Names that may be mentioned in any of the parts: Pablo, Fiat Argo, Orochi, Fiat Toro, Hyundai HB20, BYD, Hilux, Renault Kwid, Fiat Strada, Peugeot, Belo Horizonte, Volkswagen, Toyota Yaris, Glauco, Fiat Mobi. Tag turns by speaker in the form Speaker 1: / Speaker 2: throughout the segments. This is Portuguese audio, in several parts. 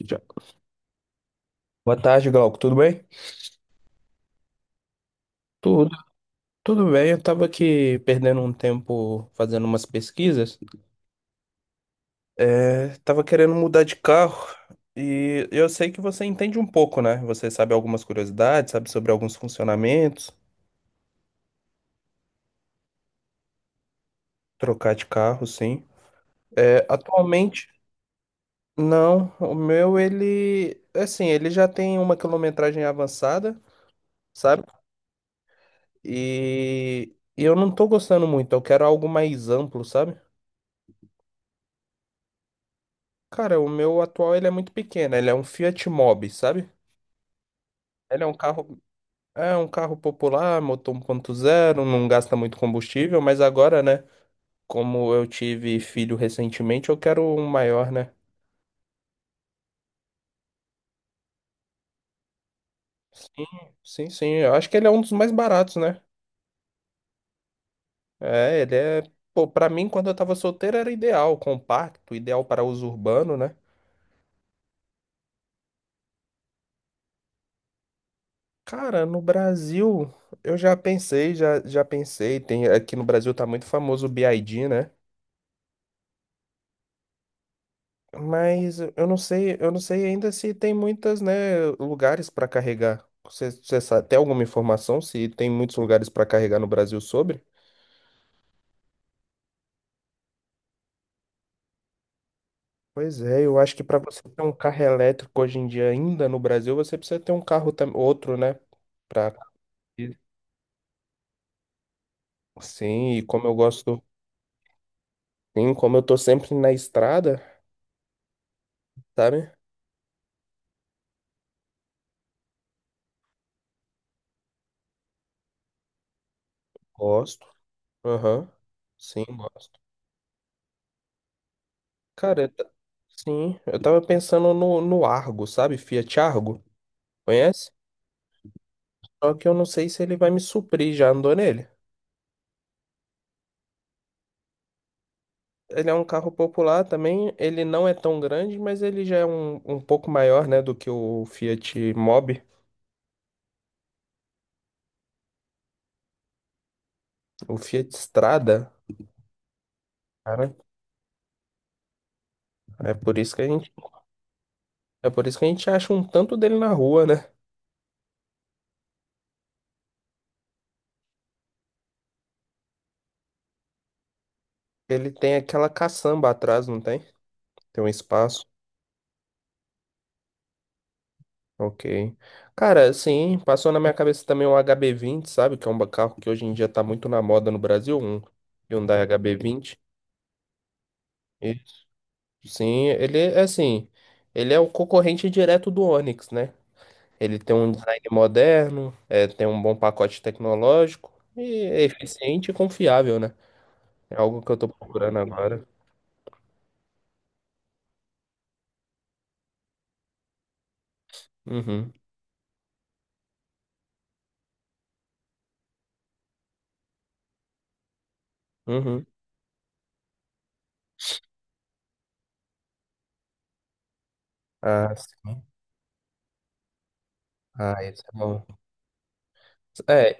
Speaker 1: Já. Boa tarde, Glauco. Tudo bem? Tudo. Tudo bem. Eu tava aqui perdendo um tempo fazendo umas pesquisas. É, tava querendo mudar de carro e eu sei que você entende um pouco, né? Você sabe algumas curiosidades, sabe sobre alguns funcionamentos, trocar de carro, sim. É, atualmente, não. O meu, ele, assim, ele já tem uma quilometragem avançada, sabe? E eu não tô gostando muito. Eu quero algo mais amplo, sabe? Cara, o meu atual ele é muito pequeno, ele é um Fiat Mobi, sabe? Ele é um carro popular, motor 1.0, não gasta muito combustível, mas agora, né, como eu tive filho recentemente, eu quero um maior, né? Sim, sim, sim. Eu acho que ele é um dos mais baratos, né? É, ele é, pô, pra mim quando eu tava solteiro era ideal, compacto, ideal para uso urbano, né? Cara, no Brasil, eu já pensei, já pensei, tem, aqui no Brasil tá muito famoso o BYD, né? Mas eu não sei ainda se tem muitas, né, lugares para carregar. Você sabe, tem alguma informação se tem muitos lugares para carregar no Brasil sobre? Pois é, eu acho que para você ter um carro elétrico hoje em dia ainda no Brasil, você precisa ter um carro outro, né? Pra... Sim, e como eu gosto, sim, como eu tô sempre na estrada, sabe? Gosto. Aham. Sim, gosto. Cara, sim, eu tava pensando no Argo, sabe? Fiat Argo. Conhece? Só que eu não sei se ele vai me suprir, já andou nele. Ele é um carro popular também, ele não é tão grande, mas ele já é um pouco maior, né, do que o Fiat Mobi, o Fiat Strada, cara. É por isso que a gente, é por isso que a gente acha um tanto dele na rua, né? Ele tem aquela caçamba atrás, não tem? Tem um espaço. Ok. Cara, sim, passou na minha cabeça também um HB20, sabe? Que é um carro que hoje em dia tá muito na moda no Brasil, um Hyundai HB20. Sim, ele é assim, ele é o concorrente direto do Onix, né? Ele tem um design moderno, é, tem um bom pacote tecnológico e é eficiente e confiável, né? É algo que eu tô procurando agora. Uhum, uhum. Ah, sim. Ah, esse é bom. É,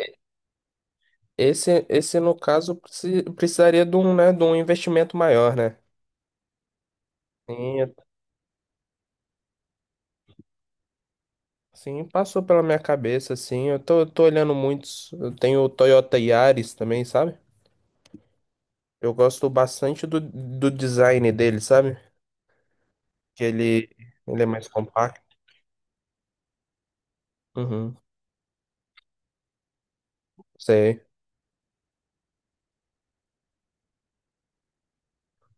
Speaker 1: esse no caso precisaria de um, né, de um investimento maior, né? Sim, sim, passou pela minha cabeça, assim. Eu tô olhando muitos. Eu tenho o Toyota Yaris também, sabe? Eu gosto bastante do design dele, sabe? Que ele é mais compacto. Uhum. Sei.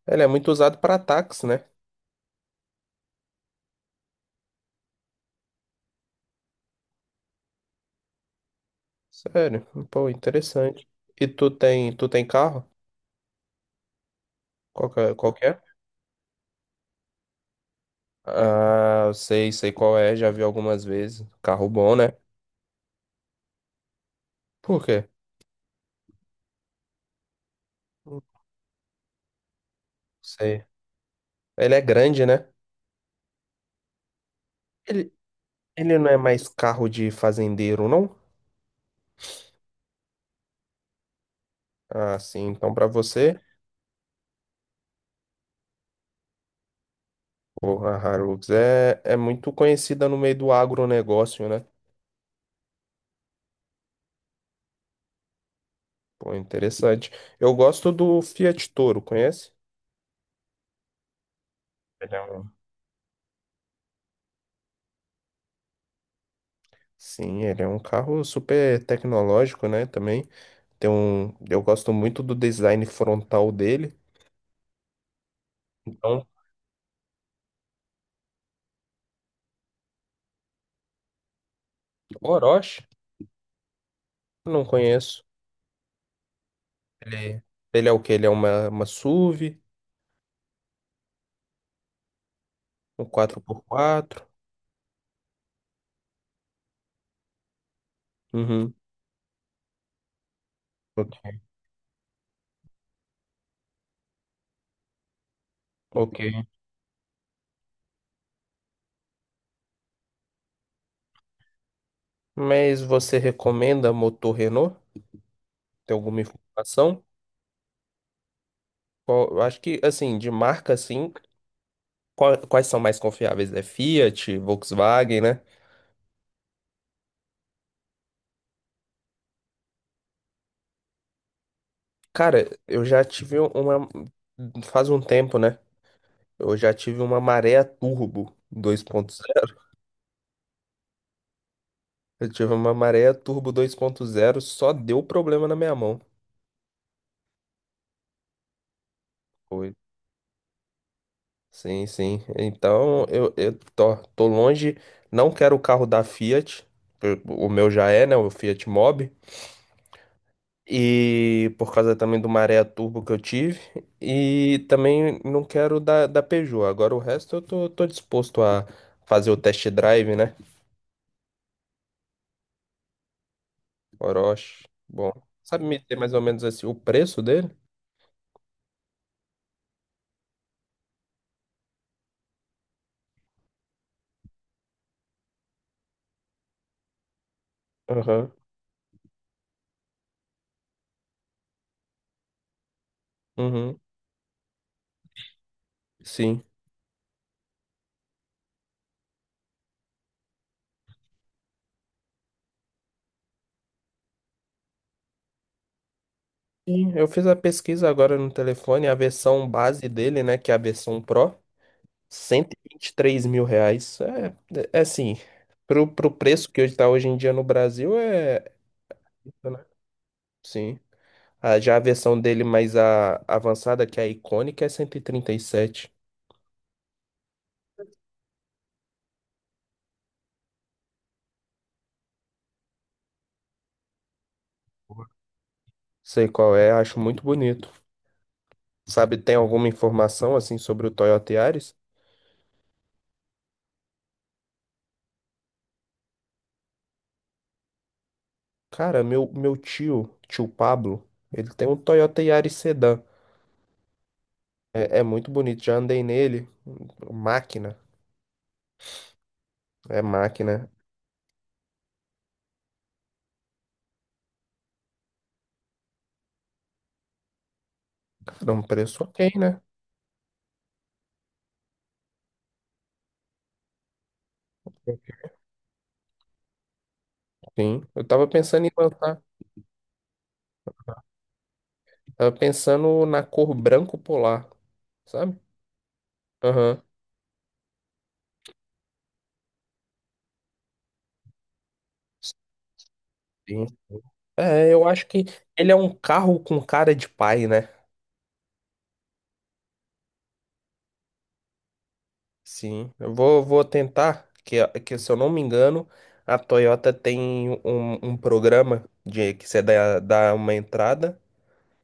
Speaker 1: Ele é muito usado para ataques, né? Sério. Pô, interessante. E tu tem carro? Qual que é? Qual que é? Ah, eu sei, sei qual é, já vi algumas vezes. Carro bom, né? Por quê? Não. Sei. Ele é grande, né? Ele, ele não é mais carro de fazendeiro, não? Ah, sim. Então, para você, pô, a Hilux é muito conhecida no meio do agronegócio, né? Pô, interessante. Eu gosto do Fiat Toro, conhece? Ele é um- Sim, ele é um carro super tecnológico, né? Também tem um. Eu gosto muito do design frontal dele. Então, Orochi, não conheço. Ele, ele é o quê? Ele é uma SUV, um quatro por quatro. Uhum. Ok. Ok. Mas você recomenda motor Renault? Tem alguma informação? Eu acho que, assim, de marca, assim, quais são mais confiáveis? É Fiat, Volkswagen, né? Cara, eu já tive um, uma. Faz um tempo, né? Eu já tive uma maré turbo 2.0. Eu tive uma maré turbo 2.0, só deu problema na minha mão. Foi. Sim, sim. Então, eu tô longe, não quero o carro da Fiat. O meu já é, né? O Fiat Mobi. E por causa também do maré turbo que eu tive. E também não quero da Peugeot. Agora o resto eu tô disposto a fazer o test drive, né? Orochi. Bom, sabe me dizer mais ou menos assim o preço dele? Aham. Uhum, sim. Sim, eu fiz a pesquisa agora no telefone, a versão base dele, né, que é a versão Pro, cento e vinte e três mil reais. É, é assim, pro preço que hoje tá hoje em dia no Brasil é... né? Sim. Ah, já a versão dele mais a, avançada, que é a icônica, é cento e trinta e sete. Sei qual é, acho muito bonito. Sabe, tem alguma informação, assim, sobre o Toyota Yaris? Cara, meu tio, tio Pablo, ele tem um Toyota Yaris Sedan. É, é muito bonito, já andei nele. Máquina, é máquina. Dá um preço ok, né? Sim, eu tava pensando em lançar, tava pensando na cor branco polar, sabe? Aham. Sim. É, eu acho que ele é um carro com cara de pai, né? Sim, eu vou tentar, que se eu não me engano, a Toyota tem um, um programa de que você dá uma entrada.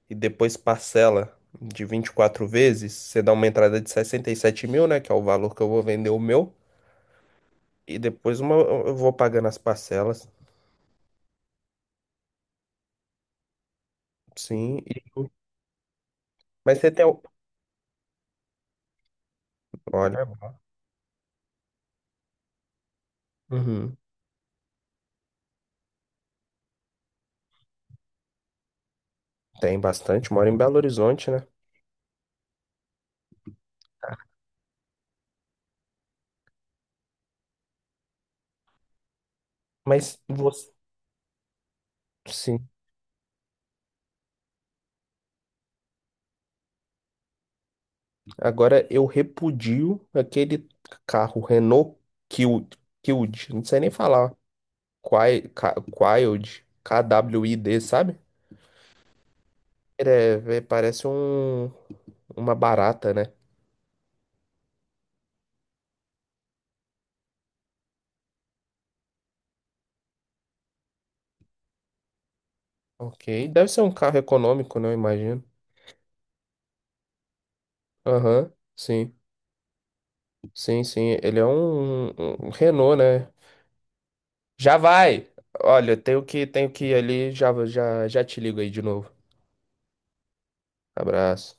Speaker 1: E depois parcela de 24 vezes, você dá uma entrada de 67 mil, né? Que é o valor que eu vou vender o meu. E depois uma, eu vou pagando as parcelas. Sim. Mas você tem. Olha. Uhum, tem bastante. Mora em Belo Horizonte, né? Mas você. Sim. Agora eu repudio aquele carro Renault Kwid. Kwid. Não sei nem falar. Kwid. KWID, K W I D, sabe? Parece uma barata, né? Ok. Deve ser um carro econômico, né? Eu imagino. Aham. Sim. Sim, sim. Ele é um Renault, né? Já vai! Olha, tenho que ir ali. Já, já, já te ligo aí de novo. Abraço.